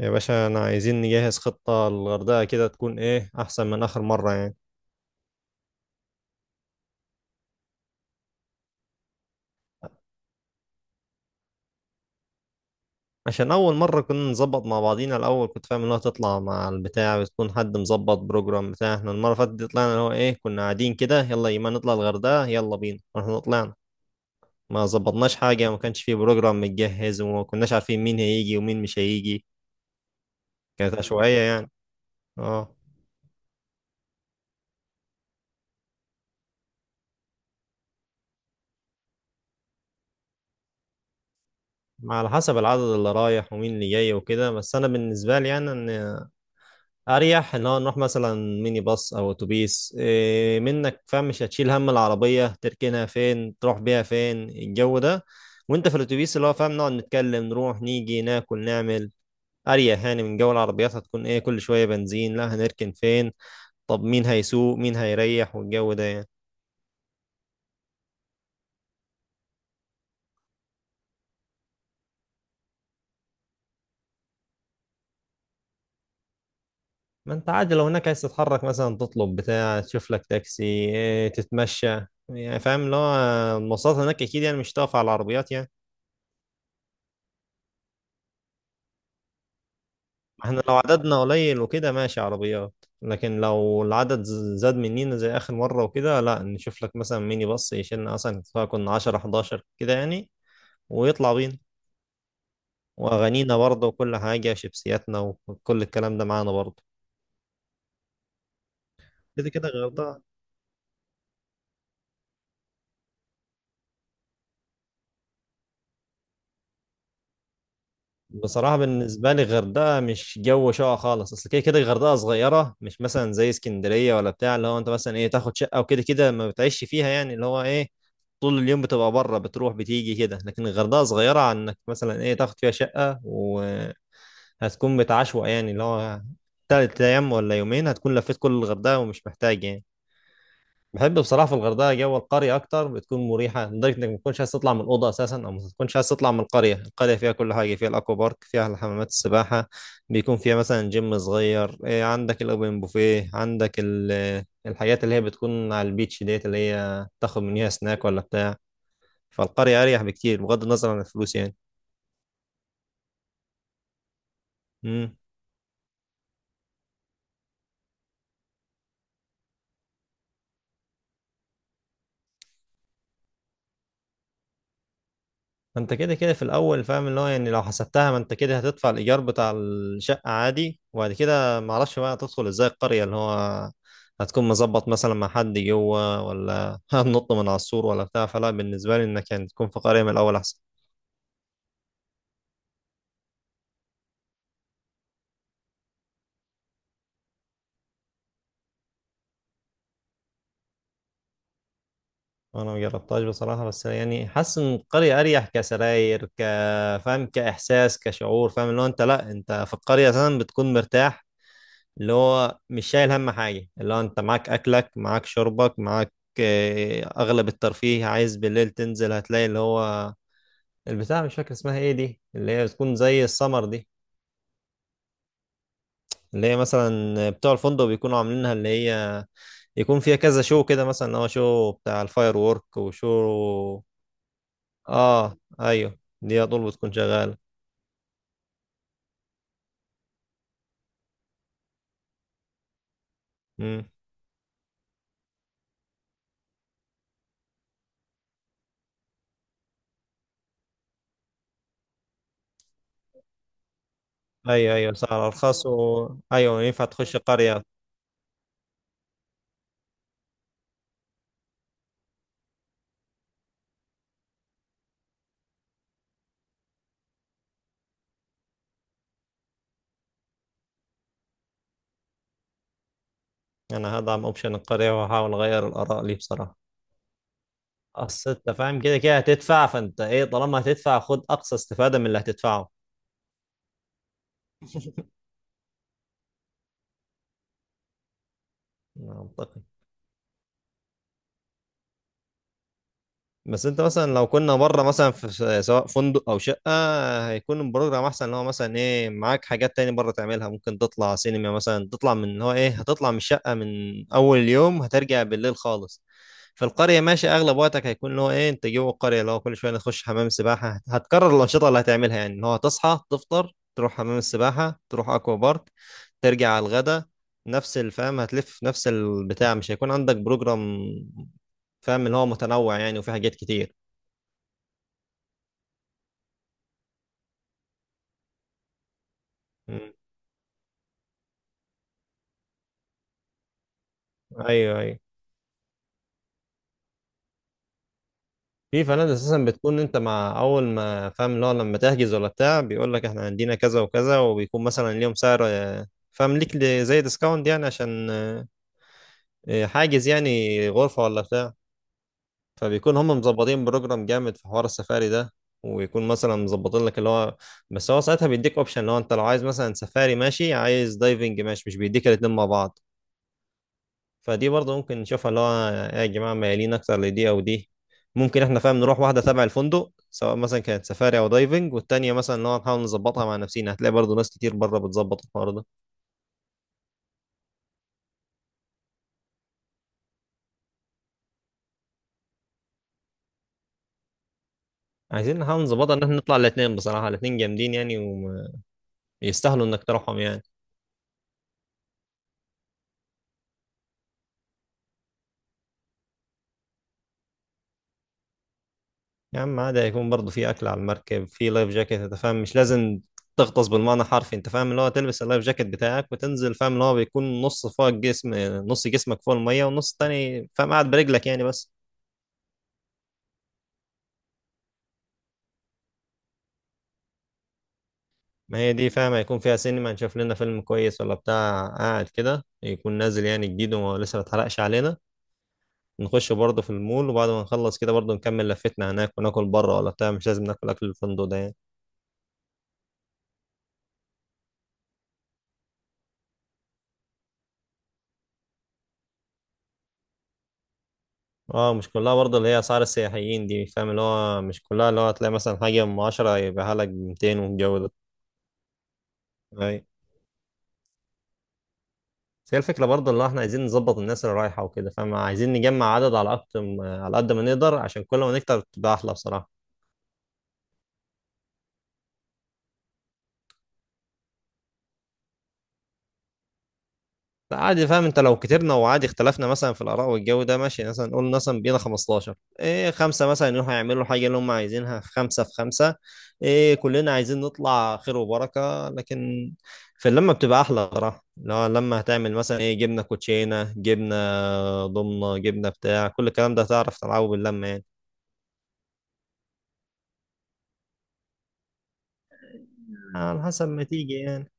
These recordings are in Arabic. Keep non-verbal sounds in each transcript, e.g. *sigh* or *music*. يا باشا انا عايزين نجهز خطة للغردقة، كده تكون ايه احسن من اخر مرة يعني. عشان اول مرة كنا نظبط مع بعضينا الاول، كنت فاهم انها تطلع مع البتاع، بتكون حد مظبط بروجرام بتاع. احنا المرة اللي فاتت دي طلعنا اللي هو ايه، كنا قاعدين كده يلا يما نطلع الغردقة يلا بينا، واحنا طلعنا ما ظبطناش حاجة، ما كانش فيه بروجرام متجهز، وما كناش عارفين مين هيجي ومين مش هيجي. كانت عشوائية يعني. اه، على حسب العدد اللي رايح ومين اللي جاي وكده. بس انا بالنسبة لي يعني ان اريح ان هو نروح مثلا ميني باص او اتوبيس إيه، منك فاهم، مش هتشيل هم العربيه تركنها فين، تروح بيها فين، الجو ده. وانت في الاتوبيس اللي هو فاهم نقعد نتكلم، نروح نيجي، ناكل نعمل، اريح يعني من جو العربيات. هتكون ايه كل شويه بنزين، لا، هنركن فين، طب مين هيسوق، مين هيريح، والجو ده يعني. ما انت عادي لو هناك عايز تتحرك مثلا تطلب بتاع تشوف لك تاكسي إيه، تتمشى يعني، فاهم اللي هو المواصلات هناك اكيد يعني، مش هتقف على العربيات يعني. احنا لو عددنا قليل وكده ماشي عربيات، لكن لو العدد زاد مننا زي آخر مرة وكده، لا، نشوف لك مثلا ميني باص يشيلنا، مثلا سواء كنا 10 11 كده يعني، ويطلع بينا، وأغانينا برضه وكل حاجة، شيبسياتنا وكل الكلام ده معانا برضه. كده كده الغردقة. بصراحة بالنسبة لي الغردقة مش جو شقة خالص، أصل كده كده الغردقة صغيرة، مش مثلا زي اسكندرية ولا بتاع، اللي هو أنت مثلا إيه تاخد شقة وكده كده ما بتعيش فيها يعني، اللي هو إيه طول اليوم بتبقى بره، بتروح بتيجي كده. لكن الغردقة صغيرة عن إنك مثلا إيه تاخد فيها شقة، وهتكون بتعشوق يعني اللي هو تلات أيام ولا يومين هتكون لفيت كل الغردقة، ومش محتاج يعني. بحب بصراحه في الغردقه جو القريه اكتر، بتكون مريحه لدرجه انك ما تكونش عايز تطلع من الاوضه اساسا، او ما تكونش عايز تطلع من القريه. القريه فيها كل حاجه، فيها الاكوا بارك، فيها الحمامات السباحه، بيكون فيها مثلا جيم صغير إيه، عندك الاوبن بوفيه، عندك الحاجات اللي هي بتكون على البيتش ديت، اللي هي تاخد منيها سناك ولا بتاع. فالقريه اريح بكتير بغض النظر عن الفلوس يعني. ما انت كده كده في الاول فاهم اللي هو يعني، لو حسبتها ما انت كده هتدفع الايجار بتاع الشقه عادي، وبعد كده ما اعرفش بقى هتدخل ازاي القريه، اللي هو هتكون مظبط مثلا مع حد جوه، ولا *laughs* هنط من على السور ولا بتاع. فلا بالنسبه لي انك يعني تكون في قريه من الاول احسن. انا ما جربتهاش بصراحه، بس يعني حاسس ان القريه اريح، كسراير، ك فاهم، كاحساس، كشعور، فاهم اللي هو انت لا، انت في القريه مثلا بتكون مرتاح، اللي هو مش شايل هم حاجة، اللي هو انت معاك اكلك، معاك شربك، معاك. اغلب الترفيه عايز بالليل تنزل، هتلاقي اللي هو البتاع مش فاكر اسمها ايه دي، اللي هي بتكون زي السمر دي، اللي هي مثلا بتوع الفندق بيكونوا عاملينها، اللي هي يكون فيها كذا شو كده، مثلا اللي هو شو بتاع الفاير وورك، وشو. اه، ايوه دي على طول بتكون شغالة. امم ايوه ايوه، سعر ارخص و... ايوه ينفع تخش قرية. انا هدعم اوبشن القرية، وهحاول اغير الاراء لي بصراحة. اصل انت فاهم كده كده هتدفع، فانت ايه طالما هتدفع خد اقصى استفاده من اللي هتدفعه. منطقي. بس انت مثلا لو كنا بره مثلا في سواء فندق او شقه، هيكون البروجرام احسن، اللي هو مثلا ايه معاك حاجات تاني بره تعملها، ممكن تطلع سينما مثلا، تطلع من اللي هو ايه، هتطلع من الشقه من اول يوم، هترجع بالليل خالص. في القرية ماشي، أغلب وقتك هيكون اللي هو إيه أنت جوه القرية، اللي هو كل شوية نخش حمام سباحة. هتكرر الأنشطة اللي هتعملها يعني، إن هو تصحى تفطر، تروح حمام السباحة، تروح أكوا بارك، ترجع على الغدا، نفس الفهم هتلف نفس البتاع، مش هيكون عندك بروجرام فاهم اللي هو متنوع يعني، وفي حاجات كتير. مم. أيوه أيوه. في فنادق أساسا بتكون أنت مع أول ما فاهم اللي هو لما تحجز ولا بتاع، بيقول لك إحنا عندنا كذا وكذا، وبيكون مثلا ليهم سعر آه، فاهم ليك زي ديسكاونت يعني، عشان إيه، حاجز يعني غرفة ولا بتاع. فبيكون هم مظبطين بروجرام جامد في حوار السفاري ده، ويكون مثلا مظبطين لك اللي هو، بس هو ساعتها بيديك اوبشن اللي هو انت لو عايز مثلا سفاري ماشي، عايز دايفنج ماشي، مش بيديك الاتنين مع بعض. فدي برضه ممكن نشوفها اللي هو، يا جماعة ميالين اكتر لدي او دي. ممكن احنا فاهم نروح واحدة تبع الفندق سواء مثلا كانت سفاري او دايفنج، والتانية مثلا اللي هو نحاول نظبطها مع نفسينا، هتلاقي برضه ناس كتير بره بتظبط الحوار ده. عايزين نحاول نظبطها ان احنا نطلع الاتنين، بصراحة الاتنين جامدين يعني، ويستاهلوا انك تروحهم يعني. يا عم عادي يكون برضه في اكل على المركب، في لايف جاكيت، انت فاهم مش لازم تغطس بالمعنى حرفي، انت فاهم اللي هو تلبس اللايف جاكيت بتاعك وتنزل، فاهم اللي هو بيكون نص فوق الجسم، نص جسمك فوق الميه والنص التاني فاهم قاعد برجلك يعني بس. ما هي دي فاهم هيكون فيها سينما، نشوف لنا فيلم كويس ولا بتاع قاعد كده، يكون نازل يعني جديد ولسه ما اتحرقش علينا، نخش برضه في المول، وبعد ما نخلص كده برضه نكمل لفتنا هناك، وناكل بره ولا بتاع، مش لازم ناكل اكل الفندق ده يعني. اه مش كلها برضه اللي هي اسعار السياحيين دي، فاهم اللي هو مش كلها، اللي هو هتلاقي مثلا حاجه ام 10 يبقى لك ب 200 والجو ده. اي، بس هي الفكره برضه اللي هو احنا عايزين نظبط الناس اللي رايحه وكده، فاهم عايزين نجمع عدد على اكتر على قد ما نقدر، عشان كل ما نكتر تبقى احلى بصراحه. عادي فاهم، انت لو كترنا وعادي اختلفنا مثلا في الاراء والجو ده ماشي، مثلا نقول مثلا بينا 15، ايه، خمسه مثلا يروحوا يعملوا الحاجه اللي هم عايزينها، في خمسه في خمسه، ايه كلنا عايزين نطلع خير وبركه، لكن في اللمه بتبقى احلى صراحه، لو لما هتعمل مثلا ايه جبنه كوتشينه، جبنه ضمنه، جبنه بتاع، كل الكلام ده هتعرف تلعبه باللمه يعني. على حسب ما تيجي يعني.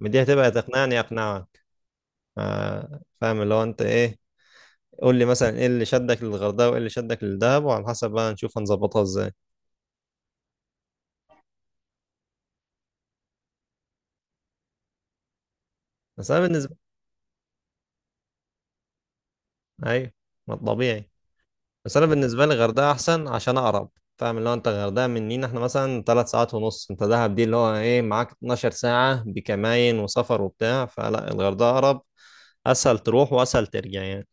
ما دي هتبقى تقنعني اقنعك، ف- فاهم اللي هو انت ايه، قول لي مثلا ايه اللي شدك للغردقه وايه اللي شدك للدهب، وعلى حسب بقى نشوف هنظبطها ازاي. بس انا بالنسبه، ايوه، ما طبيعي. بس انا بالنسبه لي الغردقه احسن عشان اقرب، فاهم اللي هو انت الغردقه مننا احنا مثلا ثلاث ساعات ونص، انت دهب دي اللي هو ايه معاك 12 ساعه بكماين وسفر وبتاع، فلا الغردقه اقرب، اسهل تروح واسهل ترجع يعني.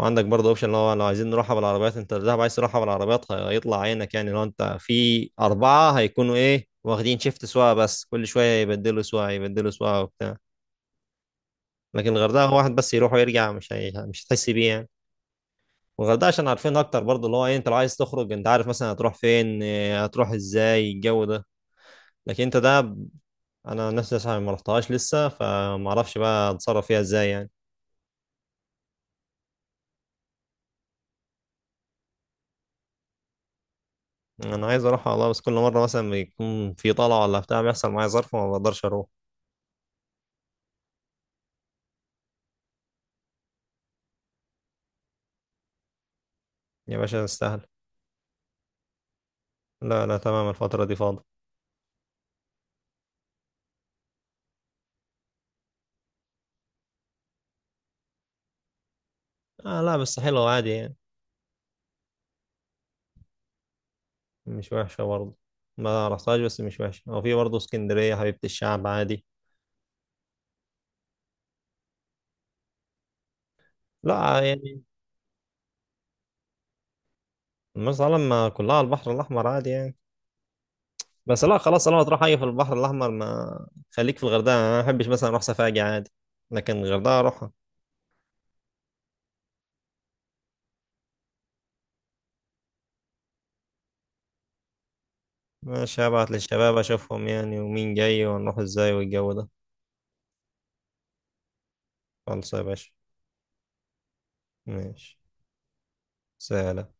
وعندك برضه اوبشن اللي هو لو عايزين نروحها بالعربيات، انت دهب عايز تروحها بالعربيات هيطلع عينك يعني، لو انت في اربعه هيكونوا ايه واخدين شيفت سواقه، بس كل شويه يبدلوا سواقه يبدلوا سواقه وبتاع. لكن الغردقه هو واحد بس يروح ويرجع، مش هي... مش هتحس بيه يعني. والغردقه عشان عارفين اكتر برضه، اللي هو ايه انت لو عايز تخرج انت عارف مثلا هتروح فين إيه، هتروح ازاي، الجو ده. لكن انت ده انا نفسي عشان ما رحتهاش لسه، فما اعرفش بقى اتصرف فيها ازاي يعني. انا عايز اروح والله، بس كل مره مثلا بيكون في طلعه ولا بتاع بيحصل معايا ظرف وما بقدرش اروح. يا باشا استاهل. لا لا تمام الفتره دي فاضي. آه لا بس حلوه عادي يعني. مش وحشه برضه، ما رحتهاش بس مش وحشه، وفي برضه اسكندريه حبيبه الشعب عادي. لا يعني. مرسى علم ما كلها على البحر الاحمر عادي يعني. بس لا خلاص، طالما تروح حاجه في البحر الاحمر ما خليك في الغردقه، انا ما بحبش مثلا اروح سفاجة عادي، لكن الغردقه اروحها. ماشي، هبعت للشباب اشوفهم يعني، ومين جاي ونروح ازاي والجو ده. خلاص يا باشا. ماشي. سلام.